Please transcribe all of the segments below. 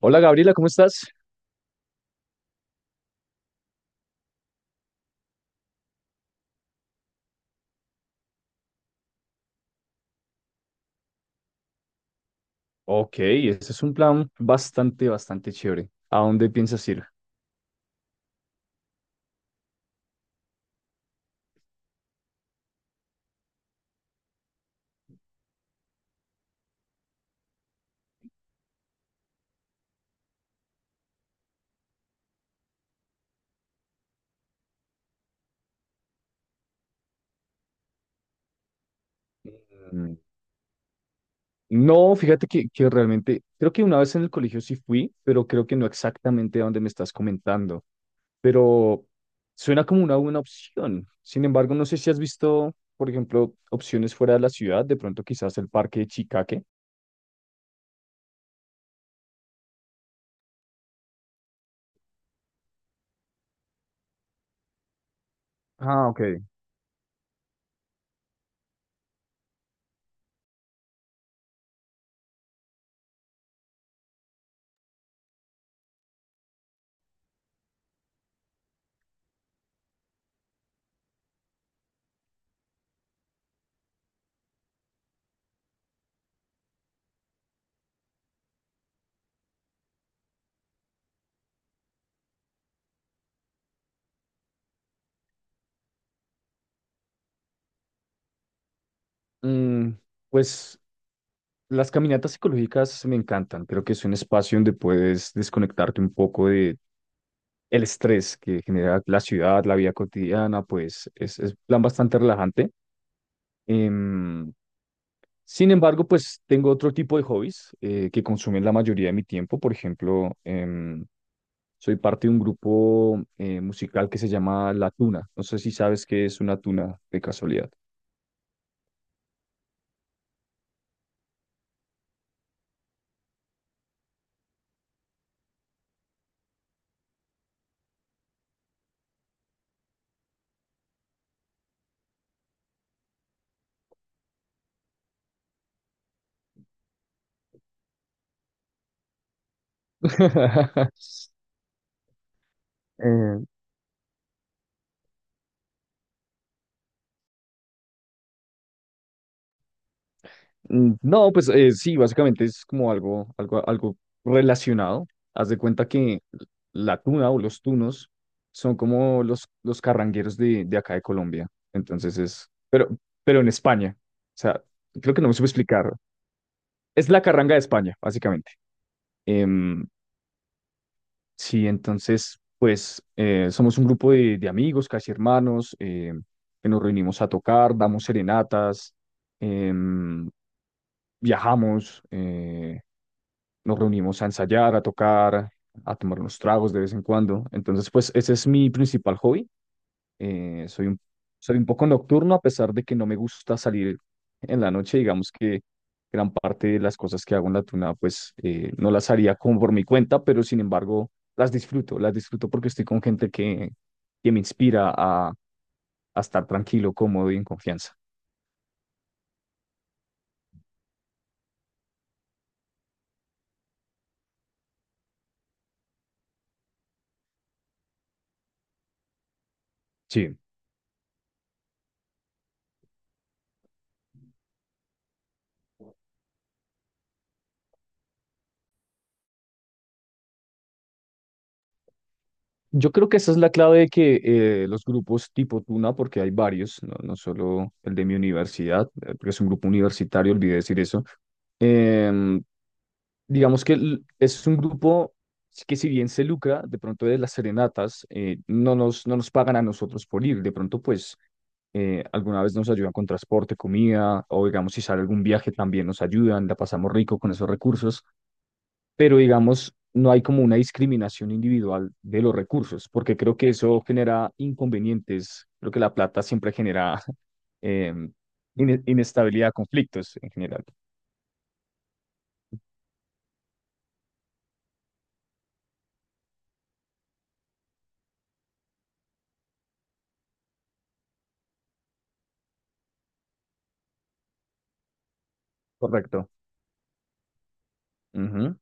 Hola Gabriela, ¿cómo estás? Ok, ese es un plan bastante chévere. ¿A dónde piensas ir? Mm, No, fíjate que realmente, creo que una vez en el colegio sí fui, pero creo que no exactamente a donde me estás comentando. Pero suena como una buena opción. Sin embargo, no sé si has visto, por ejemplo, opciones fuera de la ciudad, de pronto quizás el parque de Chicaque. Ah, ok. Mm, pues las caminatas psicológicas me encantan. Creo que es un espacio donde puedes desconectarte un poco de el estrés que genera la ciudad, la vida cotidiana, pues es plan bastante relajante. Em, Sin embargo, pues tengo otro tipo de hobbies que consumen la mayoría de mi tiempo. Por ejemplo, soy parte de un grupo musical que se llama La Tuna. No sé si sabes qué es una tuna de casualidad. Eh, Eh, No, pues sí, básicamente es como algo, algo, algo relacionado. Haz de cuenta que la tuna o los tunos son como los carrangueros de acá de Colombia. Entonces es, pero en España. O sea, creo que no me supe explicar. Es la carranga de España, básicamente. Em, sí, entonces, pues somos un grupo de amigos, casi hermanos, que nos reunimos a tocar, damos serenatas, em, viajamos. Nos reunimos a ensayar, a tocar, a tomar unos tragos de vez en cuando. Entonces, pues ese es mi principal hobby. Eh, soy un, Soy un poco nocturno a pesar de que no me gusta salir en la noche. Digamos que gran parte de las cosas que hago en la tuna, pues no las haría como por mi cuenta, pero sin embargo las disfruto porque estoy con gente que me inspira a estar tranquilo, cómodo y en confianza. Sí. Yo creo que esa es la clave de que los grupos tipo Tuna, porque hay varios, no, no solo el de mi universidad, porque es un grupo universitario, olvidé decir eso, em, digamos que es un grupo que si bien se lucra de pronto de las serenatas, no nos pagan a nosotros por ir, de pronto pues alguna vez nos ayudan con transporte, comida, o digamos si sale algún viaje también nos ayudan, la pasamos rico con esos recursos pero digamos, no hay como una discriminación individual de los recursos, porque creo que eso genera inconvenientes. Creo que la plata siempre genera em, inestabilidad, conflictos en general. Correcto. Ujú,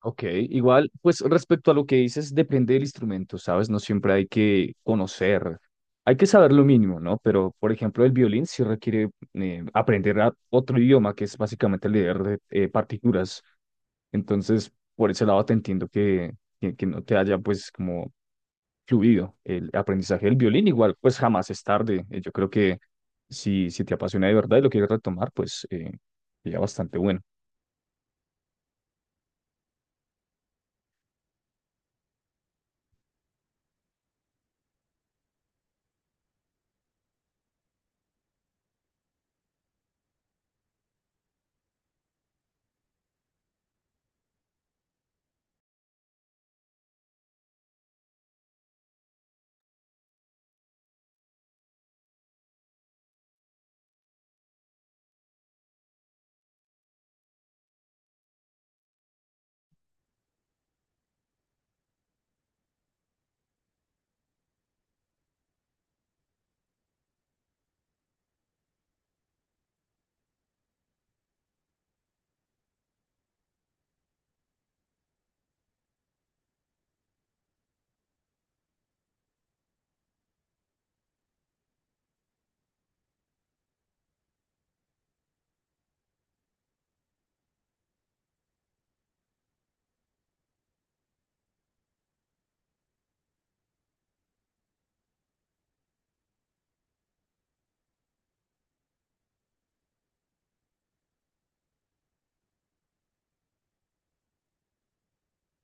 ok, igual, pues respecto a lo que dices, depende del instrumento, ¿sabes? No siempre hay que conocer, hay que saber lo mínimo, ¿no? Pero, por ejemplo, el violín sí requiere otro idioma, que es básicamente leer partituras. Entonces, por ese lado te entiendo que no te haya pues como fluido el aprendizaje del violín. Igual, pues jamás es tarde. Yo creo que si, si te apasiona de verdad y lo quieres retomar, pues sería bastante bueno.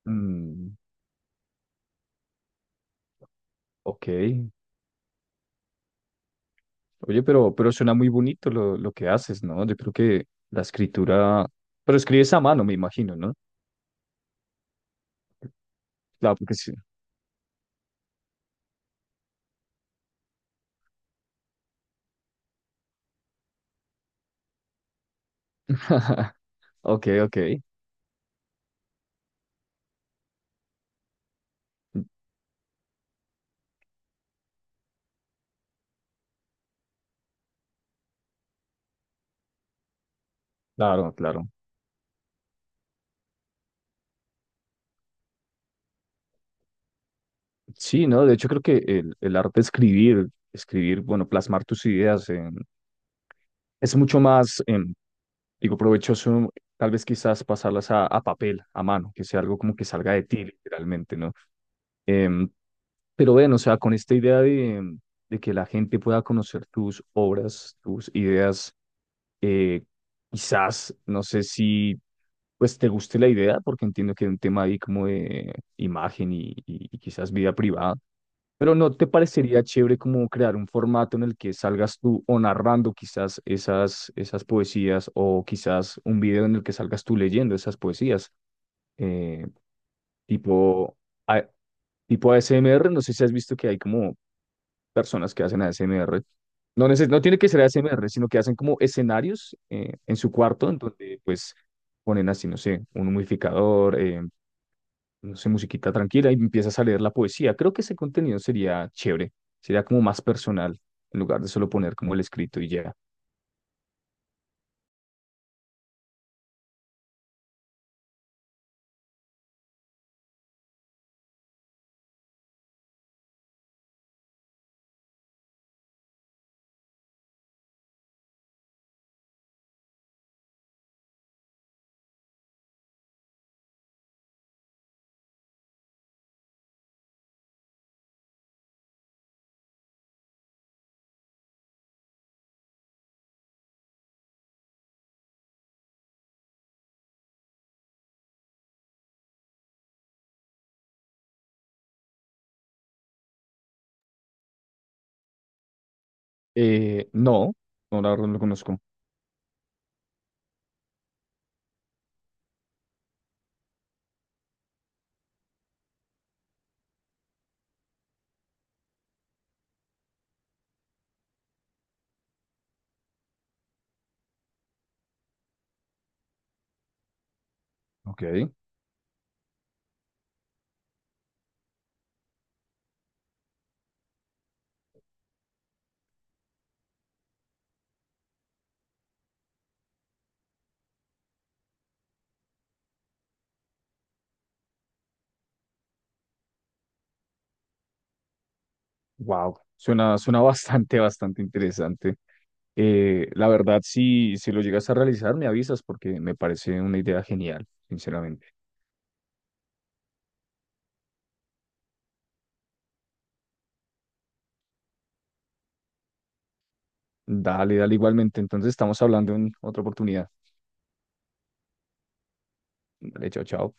Mm, ok. Oye, pero suena muy bonito lo que haces, ¿no? Yo creo que la escritura... Pero escribes a mano, me imagino, ¿no? Claro, porque sí. Ok, ok. Mm. Claro, claro. Sí, ¿no? De hecho, creo que el arte de escribir, escribir, bueno, plasmar tus ideas, es mucho más, digo, provechoso, tal vez quizás pasarlas a papel, a mano, que sea algo como que salga de ti, literalmente, ¿no? Em, pero bueno, o sea, con esta idea de, de que la gente pueda conocer tus obras, tus ideas, eh, quizás, no sé si, pues, te guste la idea, porque entiendo que es un tema ahí como de imagen y quizás vida privada, pero ¿no te parecería chévere como crear un formato en el que salgas tú o narrando quizás esas poesías o quizás un video en el que salgas tú leyendo esas poesías? Eh, Tipo, a- tipo ASMR, no sé si has visto que hay como personas que hacen ASMR. No, no tiene que ser ASMR, sino que hacen como escenarios en su cuarto en donde pues ponen así, no sé, un humidificador, no sé, musiquita tranquila y empiezas a leer la poesía. Creo que ese contenido sería chévere, sería como más personal, en lugar de solo poner como el escrito y ya. No, no, la verdad no lo conozco. Ok, wow, suena, suena bastante interesante. La verdad, si, si lo llegas a realizar, me avisas porque me parece una idea genial, sinceramente. Dale, dale igualmente. Entonces estamos hablando en otra oportunidad. Dale, chao, chao.